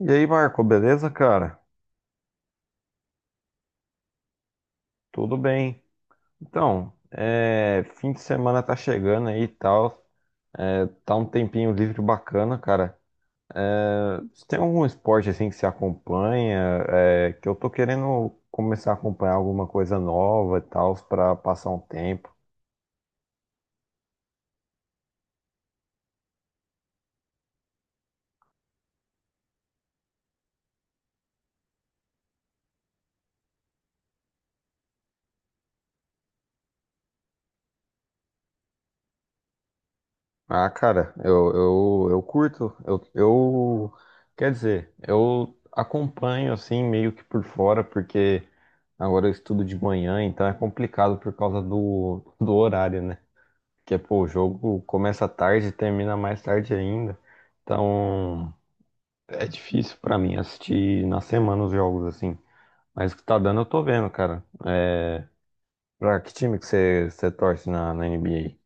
E aí, Marco, beleza, cara? Tudo bem. Então, é, fim de semana tá chegando aí e tal. É, tá um tempinho livre bacana, cara. É, você tem algum esporte assim que você acompanha? É, que eu tô querendo começar a acompanhar alguma coisa nova e tal, pra passar um tempo. Ah, cara, eu curto. Quer dizer, eu acompanho assim meio que por fora, porque agora eu estudo de manhã, então é complicado por causa do horário, né? Porque, pô, o jogo começa tarde e termina mais tarde ainda. Então é difícil pra mim assistir na semana os jogos assim. Mas o que tá dando eu tô vendo, cara. É, pra que time que você torce na NBA?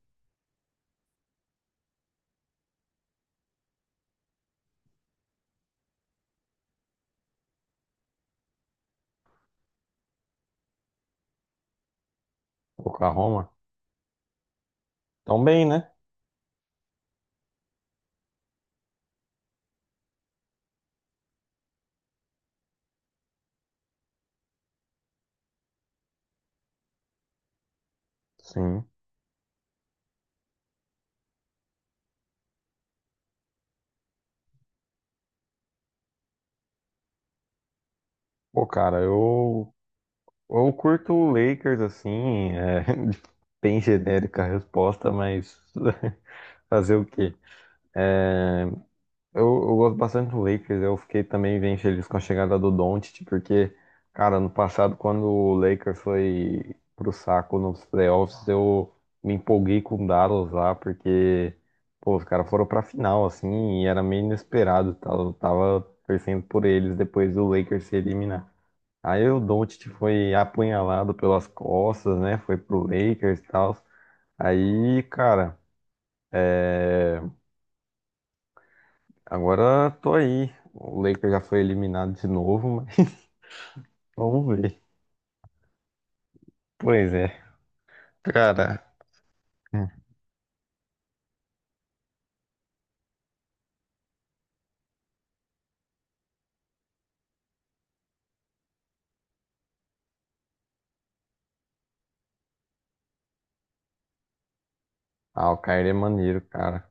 Oklahoma? Tão bem, né? Sim. Pô, cara, eu curto o Lakers, assim, é bem genérica a resposta, mas fazer o quê? É, eu gosto bastante do Lakers, eu fiquei também bem feliz com a chegada do Doncic, porque, cara, no passado, quando o Lakers foi pro saco nos playoffs, eu me empolguei com o Dallas lá, porque, pô, os caras foram pra final, assim, e era meio inesperado, tá? Eu tava torcendo por eles depois do Lakers se eliminar. Aí o Doncic foi apunhalado pelas costas, né? Foi pro Lakers e tal. Aí, cara, agora tô aí. O Lakers já foi eliminado de novo, mas vamos ver. Pois é, cara. Ah, o Kyrie é maneiro, cara.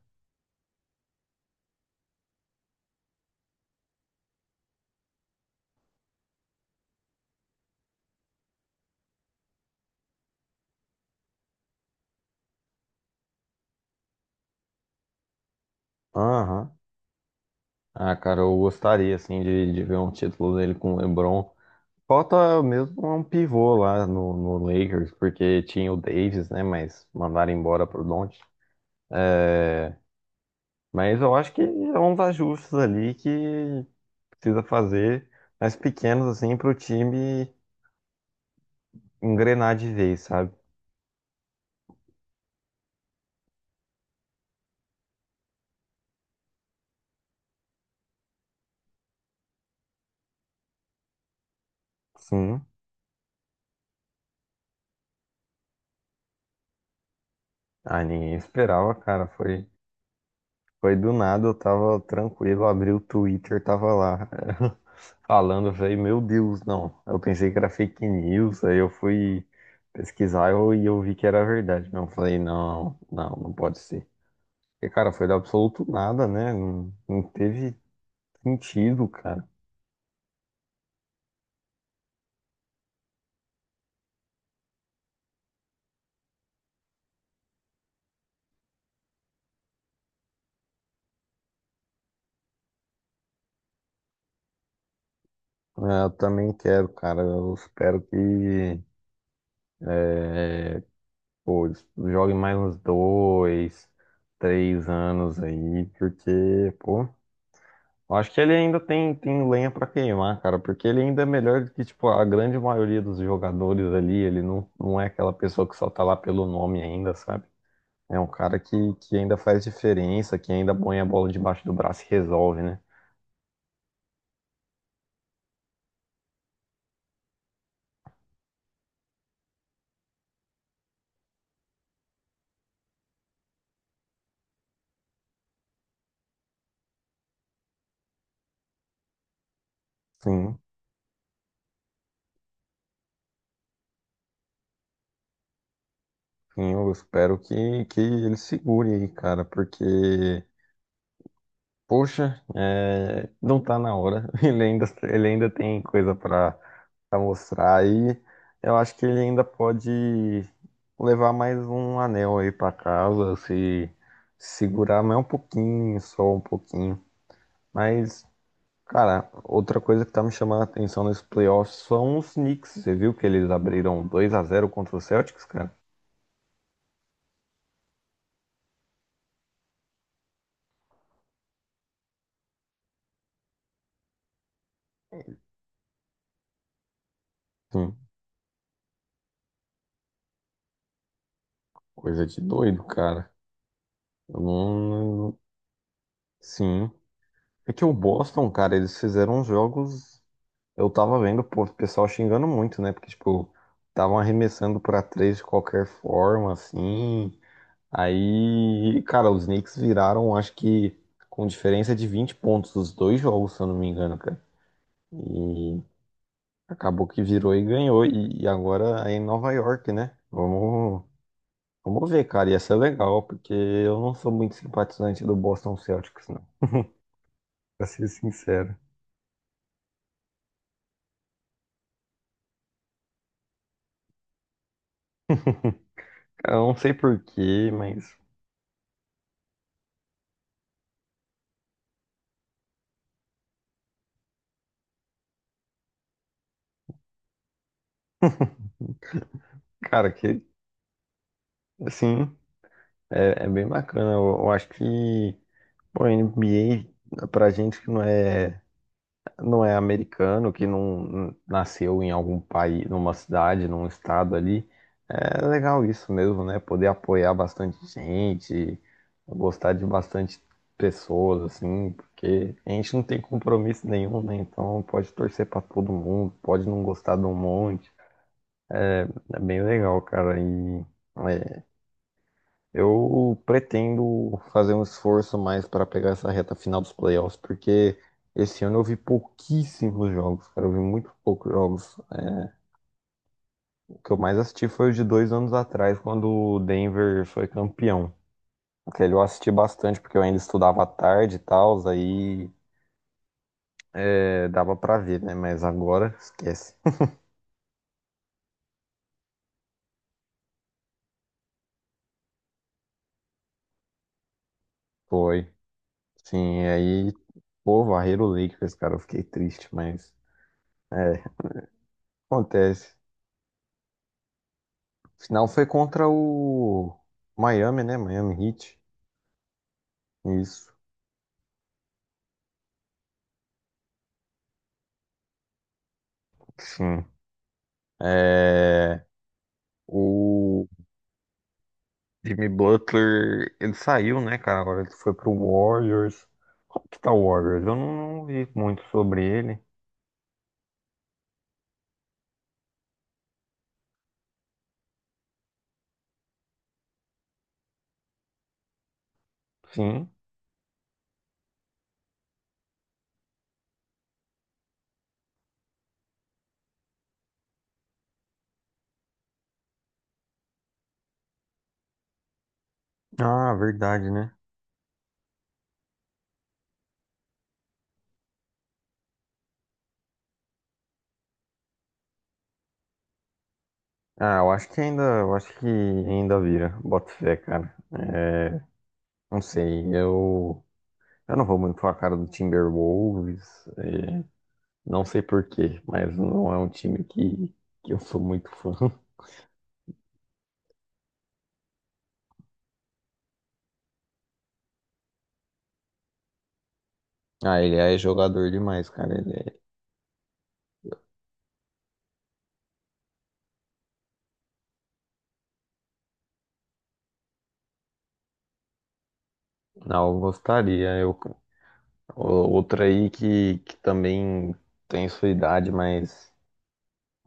Aham. Ah, cara, eu gostaria, assim, de ver um título dele com o LeBron. Falta mesmo um pivô lá no Lakers, porque tinha o Davis, né? Mas mandaram embora pro Doncic. É, mas eu acho que é uns ajustes ali que precisa fazer, mas pequenos assim, pro time engrenar de vez, sabe? Sim. Ah, ninguém esperava, cara. Foi, foi do nada, eu tava tranquilo, abri o Twitter, tava lá falando, eu falei, meu Deus, não. Eu pensei que era fake news, aí eu fui pesquisar e eu vi que era verdade. Não, eu falei, não, não, não pode ser. Porque, cara, foi do absoluto nada, né? Não teve sentido, cara. É, eu também quero, cara. Eu espero que, pô, eles joguem mais uns dois, três anos aí, porque, pô, eu acho que ele ainda tem lenha pra queimar, cara, porque ele ainda é melhor do que, tipo, a grande maioria dos jogadores ali. Ele não é aquela pessoa que só tá lá pelo nome ainda, sabe? É um cara que ainda faz diferença, que ainda põe a bola debaixo do braço e resolve, né? Sim, sim, eu espero que ele segure aí, cara, porque. Poxa, é, não tá na hora. Ele ainda tem coisa pra mostrar e eu acho que ele ainda pode levar mais um anel aí pra casa, se segurar mais um pouquinho, só um pouquinho. Mas, cara, outra coisa que tá me chamando a atenção nesse playoff são os Knicks. Você viu que eles abriram 2 a zero contra os Celtics, cara? Sim, coisa de doido, cara. Eu não... Sim. É que o Boston, cara, eles fizeram uns jogos. Eu tava vendo, pô, o pessoal xingando muito, né? Porque, tipo, estavam arremessando pra três de qualquer forma, assim. Aí, cara, os Knicks viraram, acho que com diferença de 20 pontos os dois jogos, se eu não me engano, cara. E acabou que virou e ganhou. E agora é em Nova York, né? Vamos, vamos ver, cara. Ia ser legal, porque eu não sou muito simpatizante do Boston Celtics, não. Pra ser sincero. Cara, eu não sei por quê, mas, cara, que assim. É, é bem bacana. Eu acho que o NBA, pra gente que não é americano, que não nasceu em algum país, numa cidade, num estado ali, é legal isso mesmo, né? Poder apoiar bastante gente, gostar de bastante pessoas, assim, porque a gente não tem compromisso nenhum, né? Então pode torcer pra todo mundo, pode não gostar de um monte. É bem legal, cara. E. é, Eu pretendo fazer um esforço mais para pegar essa reta final dos playoffs, porque esse ano eu vi pouquíssimos jogos, cara. Eu vi muito poucos jogos. É, o que eu mais assisti foi os de dois anos atrás, quando o Denver foi campeão. Aquele eu assisti bastante, porque eu ainda estudava à tarde e tal, aí é, dava pra ver, né? Mas agora, esquece. Foi. Sim, aí, pô, varreram o Lakers, cara. Eu fiquei triste, mas é, acontece. Final foi contra o Miami, né? Miami Heat. Isso. Sim. É... O Jimmy Butler, ele saiu, né, cara? Agora ele foi pro Warriors. Como que tá o Warriors? Eu não vi muito sobre ele. Sim. Ah, verdade, né? Ah, eu acho que ainda, eu acho que ainda vira. Bota fé, cara. É... Não sei, eu... Eu não vou muito com a cara do Timberwolves. É, não sei por quê, mas não é um time que eu sou muito fã. Ah, ele é jogador demais, cara. Ele é... Não, eu gostaria. Eu... o- Outra aí que também tem sua idade, mas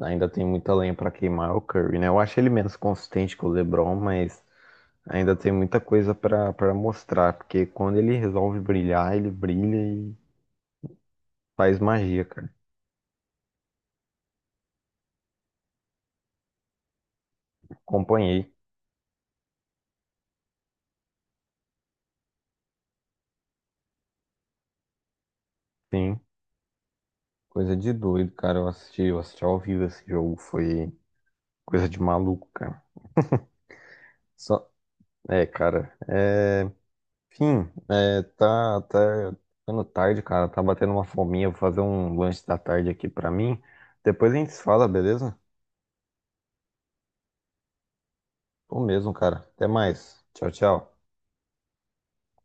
ainda tem muita lenha pra queimar é o Curry, né? Eu acho ele menos consistente que o LeBron, mas ainda tem muita coisa pra para mostrar, porque quando ele resolve brilhar, ele brilha e faz magia, cara. Acompanhei, sim. Coisa de doido, cara. Eu assisti ao vivo esse jogo. Foi. Coisa de maluco, cara. Só... É, cara. É... Enfim, é, tá, tá ficando tarde, cara. Tá batendo uma fominha. Vou fazer um lanche da tarde aqui pra mim. Depois a gente se fala, beleza? Tô mesmo, cara. Até mais. Tchau, tchau.